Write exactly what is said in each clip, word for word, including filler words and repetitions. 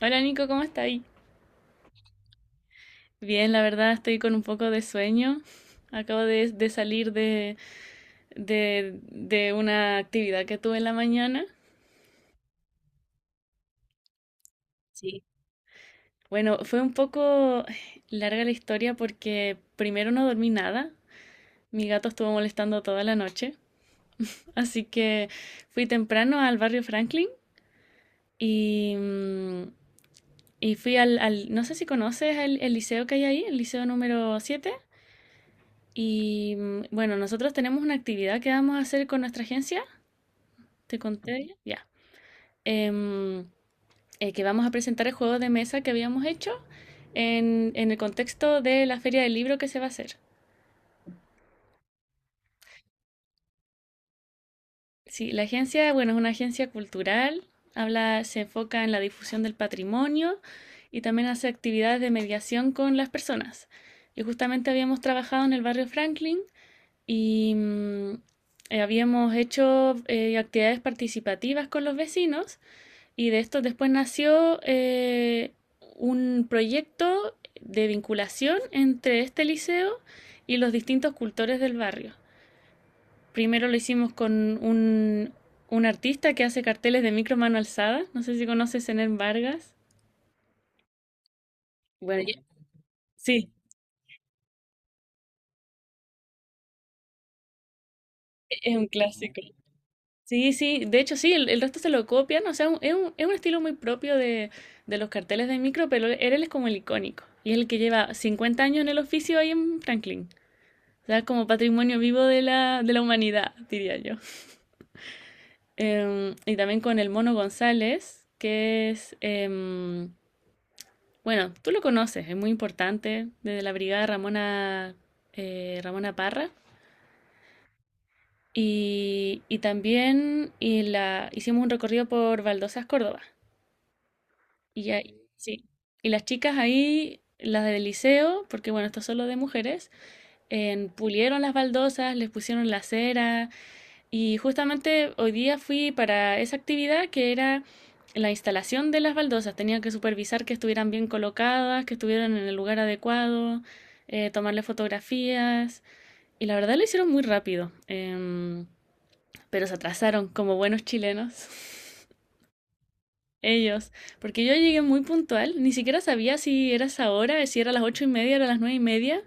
Hola Nico, ¿cómo estás? Bien, la verdad estoy con un poco de sueño. Acabo de, de salir de, de, de una actividad que tuve en la mañana. Sí, bueno, fue un poco larga la historia porque primero no dormí nada. Mi gato estuvo molestando toda la noche. Así que fui temprano al barrio Franklin y, mm, y fui al, al- no sé si conoces el, el liceo que hay ahí, el liceo número siete. Y mm, bueno, nosotros tenemos una actividad que vamos a hacer con nuestra agencia, te conté ya, ya. Em, eh, que vamos a presentar el juego de mesa que habíamos hecho en, en el contexto de la feria del libro que se va a hacer. Sí, la agencia, bueno, es una agencia cultural, habla, se enfoca en la difusión del patrimonio y también hace actividades de mediación con las personas. Y justamente habíamos trabajado en el barrio Franklin y mm, eh, habíamos hecho eh, actividades participativas con los vecinos y de esto después nació eh, un proyecto de vinculación entre este liceo y los distintos cultores del barrio. Primero lo hicimos con un, un artista que hace carteles de micro mano alzada, no sé si conoces Zenén Vargas. Bueno, yo- sí, es un clásico. Sí, sí, de hecho sí, el, el resto se lo copian, o sea, un- es un, es un estilo muy propio de, de los carteles de micro, pero él él es como el icónico, y es el que lleva cincuenta años en el oficio ahí en Franklin, o sea, como patrimonio vivo de la, de la humanidad, diría yo. Em, y también con el Mono González, que es, em, bueno, tú lo conoces, es muy importante, desde la brigada Ramona, eh, Ramona Parra, y, y también y la, hicimos un recorrido por Baldosas, Córdoba. Y ya, sí. Y las chicas ahí, las del liceo, porque bueno, esto es solo de mujeres, en- pulieron las baldosas, les pusieron la cera. Y justamente hoy día fui para esa actividad que era la instalación de las baldosas. Tenía que supervisar que estuvieran bien colocadas, que estuvieran en el lugar adecuado, eh, tomarle fotografías. Y la verdad lo hicieron muy rápido. Em, pero se atrasaron como buenos chilenos. Ellos, porque yo llegué muy puntual, ni siquiera sabía si era esa hora, si era a las ocho y media, era a las nueve y media,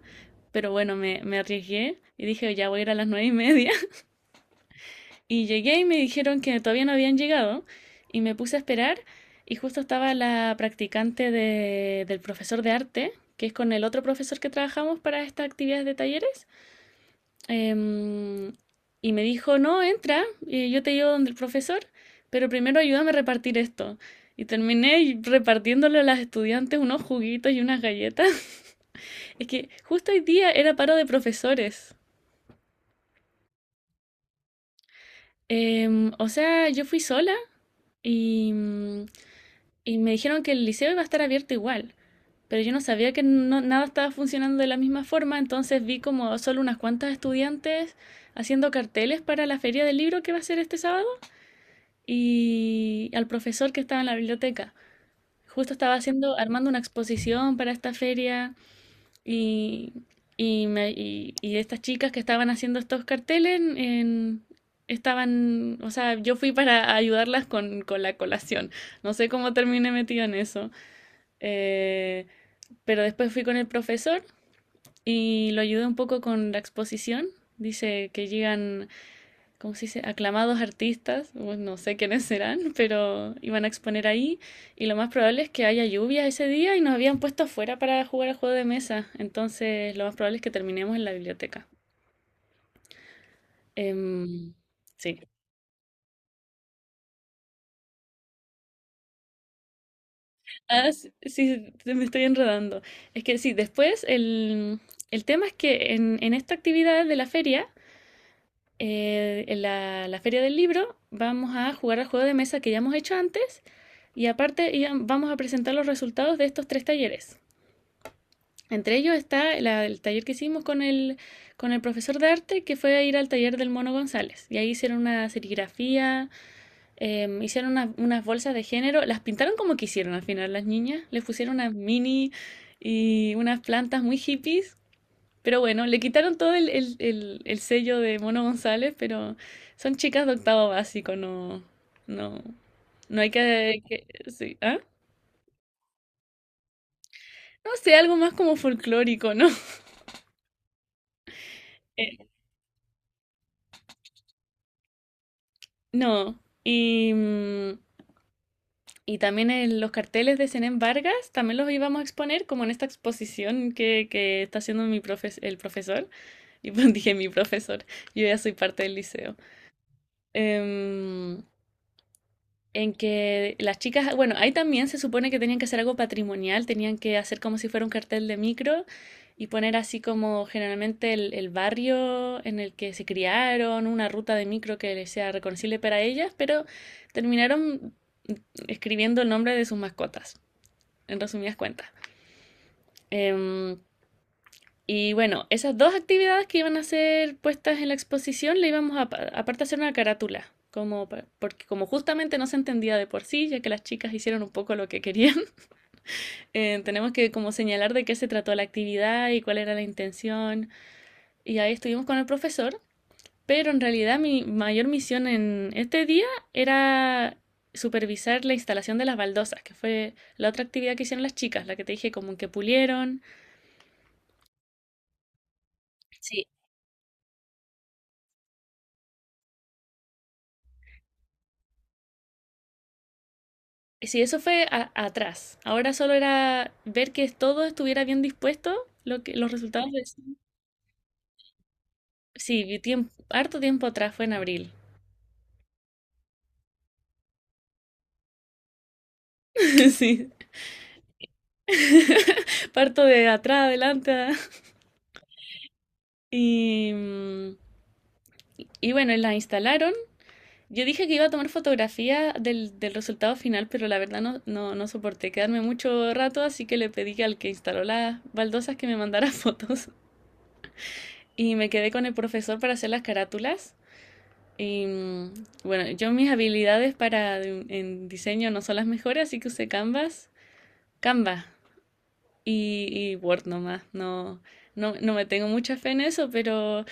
pero bueno, me, me arriesgué y dije, ya voy a ir a las nueve y media. Y llegué y me dijeron que todavía no habían llegado y me puse a esperar y justo estaba la practicante de- del profesor de arte, que es con el otro profesor que trabajamos para estas actividades de talleres. Em, y me dijo, no, entra, eh, yo te llevo donde el profesor, pero primero ayúdame a repartir esto. Y terminé y- repartiéndole a las estudiantes unos juguitos y unas galletas. Es que justo hoy día era paro de profesores. Em, o sea, yo fui sola y, mm, y me dijeron que el liceo iba a estar abierto igual, pero yo no sabía que no- nada estaba funcionando de la misma forma, entonces vi como solo unas cuantas estudiantes haciendo carteles para la feria del libro que va a ser este sábado. Y al profesor que estaba en la biblioteca. Justo estaba haciendo, armando una exposición para esta feria y, y, me- y- y estas chicas que estaban haciendo estos carteles en- estaban, o sea, yo fui para ayudarlas con, con la colación. No sé cómo terminé metida en eso. Eh, pero después fui con el profesor y lo ayudé un poco con la exposición. Dice que llegan, ¿cómo se dice? Aclamados artistas, bueno, no sé quiénes serán, pero iban a exponer ahí y lo más probable es que haya lluvia ese día y nos habían puesto afuera para jugar al juego de mesa, entonces lo más probable es que terminemos en la biblioteca. Em, sí. Ah, sí, sí, sí, me estoy enredando. Es que sí, después el, el tema es que en, en esta actividad de la feria eh, en la, la feria del libro vamos a jugar al juego de mesa que ya hemos hecho antes y aparte vamos a presentar los resultados de estos tres talleres. Entre ellos está la- el taller que hicimos con el, con el profesor de arte, que fue a ir al taller del Mono González. Y ahí hicieron una serigrafía, em, hicieron unas, unas bolsas de género, las pintaron como quisieron al final las niñas, les pusieron unas mini y unas plantas muy hippies, pero bueno, le quitaron todo el, el, el, el sello de Mono González, pero son chicas de octavo básico, no, no, no hay que, que- sí, ¿ah? No sé, algo más como folclórico, ¿no? Eh, no. Y, mm, y también el- los carteles de Zenén Vargas, también los íbamos a exponer como en esta exposición que, que está haciendo mi profes- el profesor. Y pues dije mi profesor, yo ya soy parte del liceo. Em, en que las chicas, bueno, ahí también se supone que tenían que hacer algo patrimonial, tenían que hacer como si fuera un cartel de micro y poner así como generalmente el, el barrio en el que se criaron, una ruta de micro que les sea reconocible para ellas, pero terminaron escribiendo el nombre de sus mascotas, en resumidas cuentas. Em, y bueno, esas dos actividades que iban a ser puestas en la exposición, le íbamos a, pa- aparte a hacer una carátula, como, porque como justamente no se entendía de por sí, ya que las chicas hicieron un poco lo que querían, eh, tenemos que como señalar de qué se trató la actividad y cuál era la intención. Y ahí estuvimos con el profesor, pero en realidad mi mayor misión en este día era supervisar la instalación de las baldosas, que fue la otra actividad que hicieron las chicas, la que te dije como que pulieron, sí, sí, eso fue a- atrás. Ahora solo era ver que todo estuviera bien dispuesto, lo que, los resultados de... Sí, vi tiemp- harto tiempo atrás, fue en abril. Sí, parto de atrás, adelante. a- Y, mm, y bueno, la instalaron. Yo dije que iba a tomar fotografía del, del resultado final, pero la verdad no, no, no soporté quedarme mucho rato, así que le pedí al que instaló las baldosas que me mandara fotos. Y me quedé con el profesor para hacer las carátulas. Y mm, bueno, yo mis habilidades para en diseño no son las mejores, así que usé Canvas, Canva y, y Word nomás. No, no, no me tengo mucha fe en eso, pero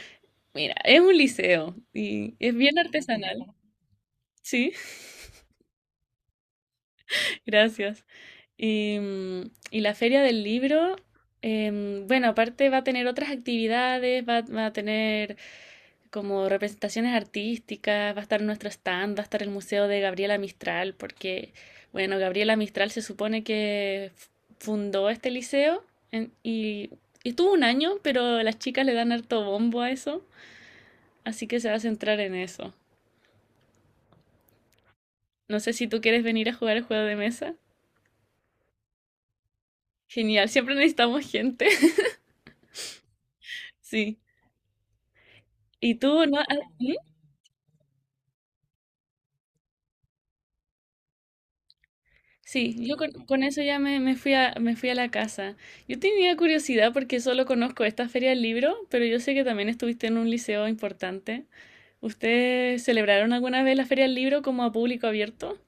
mira, es un liceo y es bien artesanal. Sí, gracias. Y, mm, y la feria del libro, em, bueno, aparte va a tener otras actividades, va, va a tener como representaciones artísticas, va a estar nuestro stand, va a estar el museo de Gabriela Mistral, porque, bueno, Gabriela Mistral se supone que fundó este liceo en- y, y estuvo un año, pero las chicas le dan harto bombo a eso, así que se va a centrar en eso. No sé si tú quieres venir a jugar el juego de mesa. Genial, siempre necesitamos gente. Sí. ¿Y tú no, no... Sí, yo con, con eso ya me, me fui a, me fui a la casa. Yo tenía curiosidad porque solo conozco esta feria del libro, pero yo sé que también estuviste en un liceo importante. ¿Ustedes celebraron alguna vez la feria del libro como a público abierto?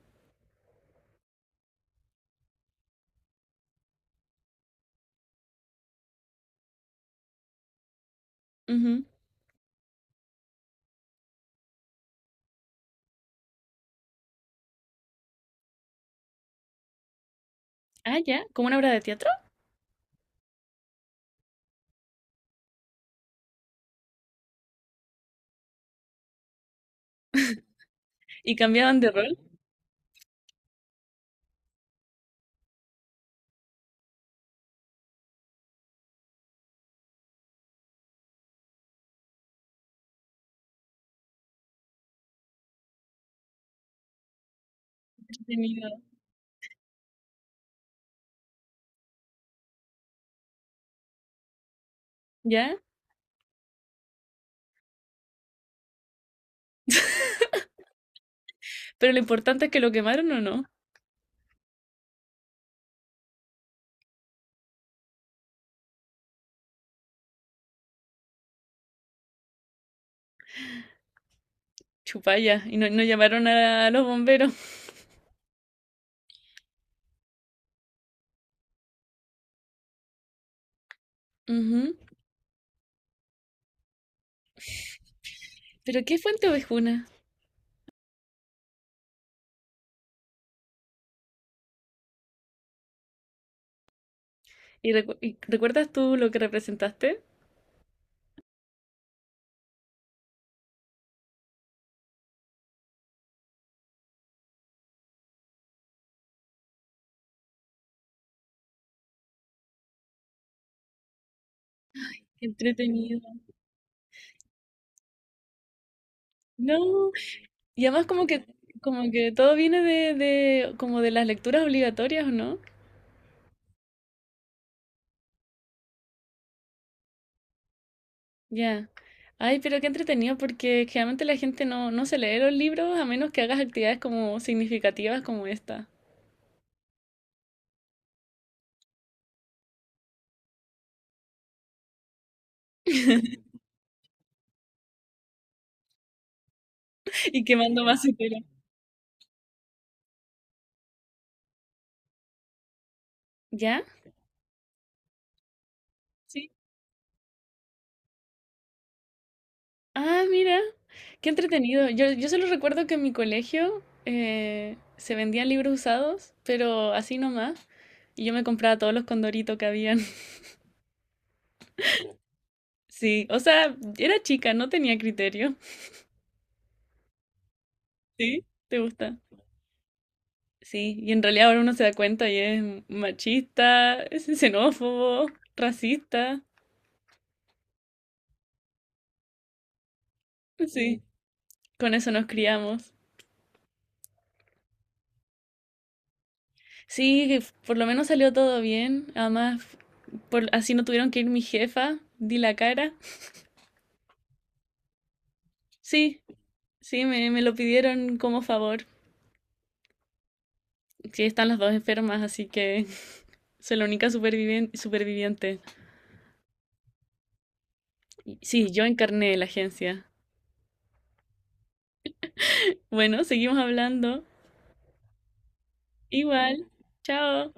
Ujú. Ah, ya, como una obra de teatro. ¿Y cambiaban de rol? Qué entretenido. ¿Ya? Pero lo importante es que lo quemaron o no. Chupalla. Y no, no llamaron a los bomberos. Ujú. ¿Pero qué fuente ovejuna? ¿Y, recu- y recuerdas tú lo que representaste? Qué entretenido. No. Y además como que, como que todo viene de, de, como de las lecturas obligatorias, ¿o ¿no? Ya. Ay, pero qué entretenido, porque generalmente la gente no, no se lee los libros a menos que hagas actividades como significativas como esta. Y quemando basura. ¿Ya? Sí. Ah, mira, qué entretenido. Yo, yo solo recuerdo que en mi colegio eh, se vendían libros usados, pero así nomás. Y yo me compraba todos los condoritos que habían. Sí, o sea, era chica, no tenía criterio. ¿Sí? ¿Te gusta? Sí, y en realidad ahora uno se da cuenta y es machista, es xenófobo, racista. Sí, con eso nos criamos. Sí, que f- por lo menos salió todo bien. Además, por, así no tuvieron que ir mi jefa, di la cara. Sí, sí, me, me lo pidieron como favor. Sí, están las dos enfermas, así que soy la única supervivien- superviviente. Sí, yo encarné la agencia. Bueno, seguimos hablando. Igual, chao.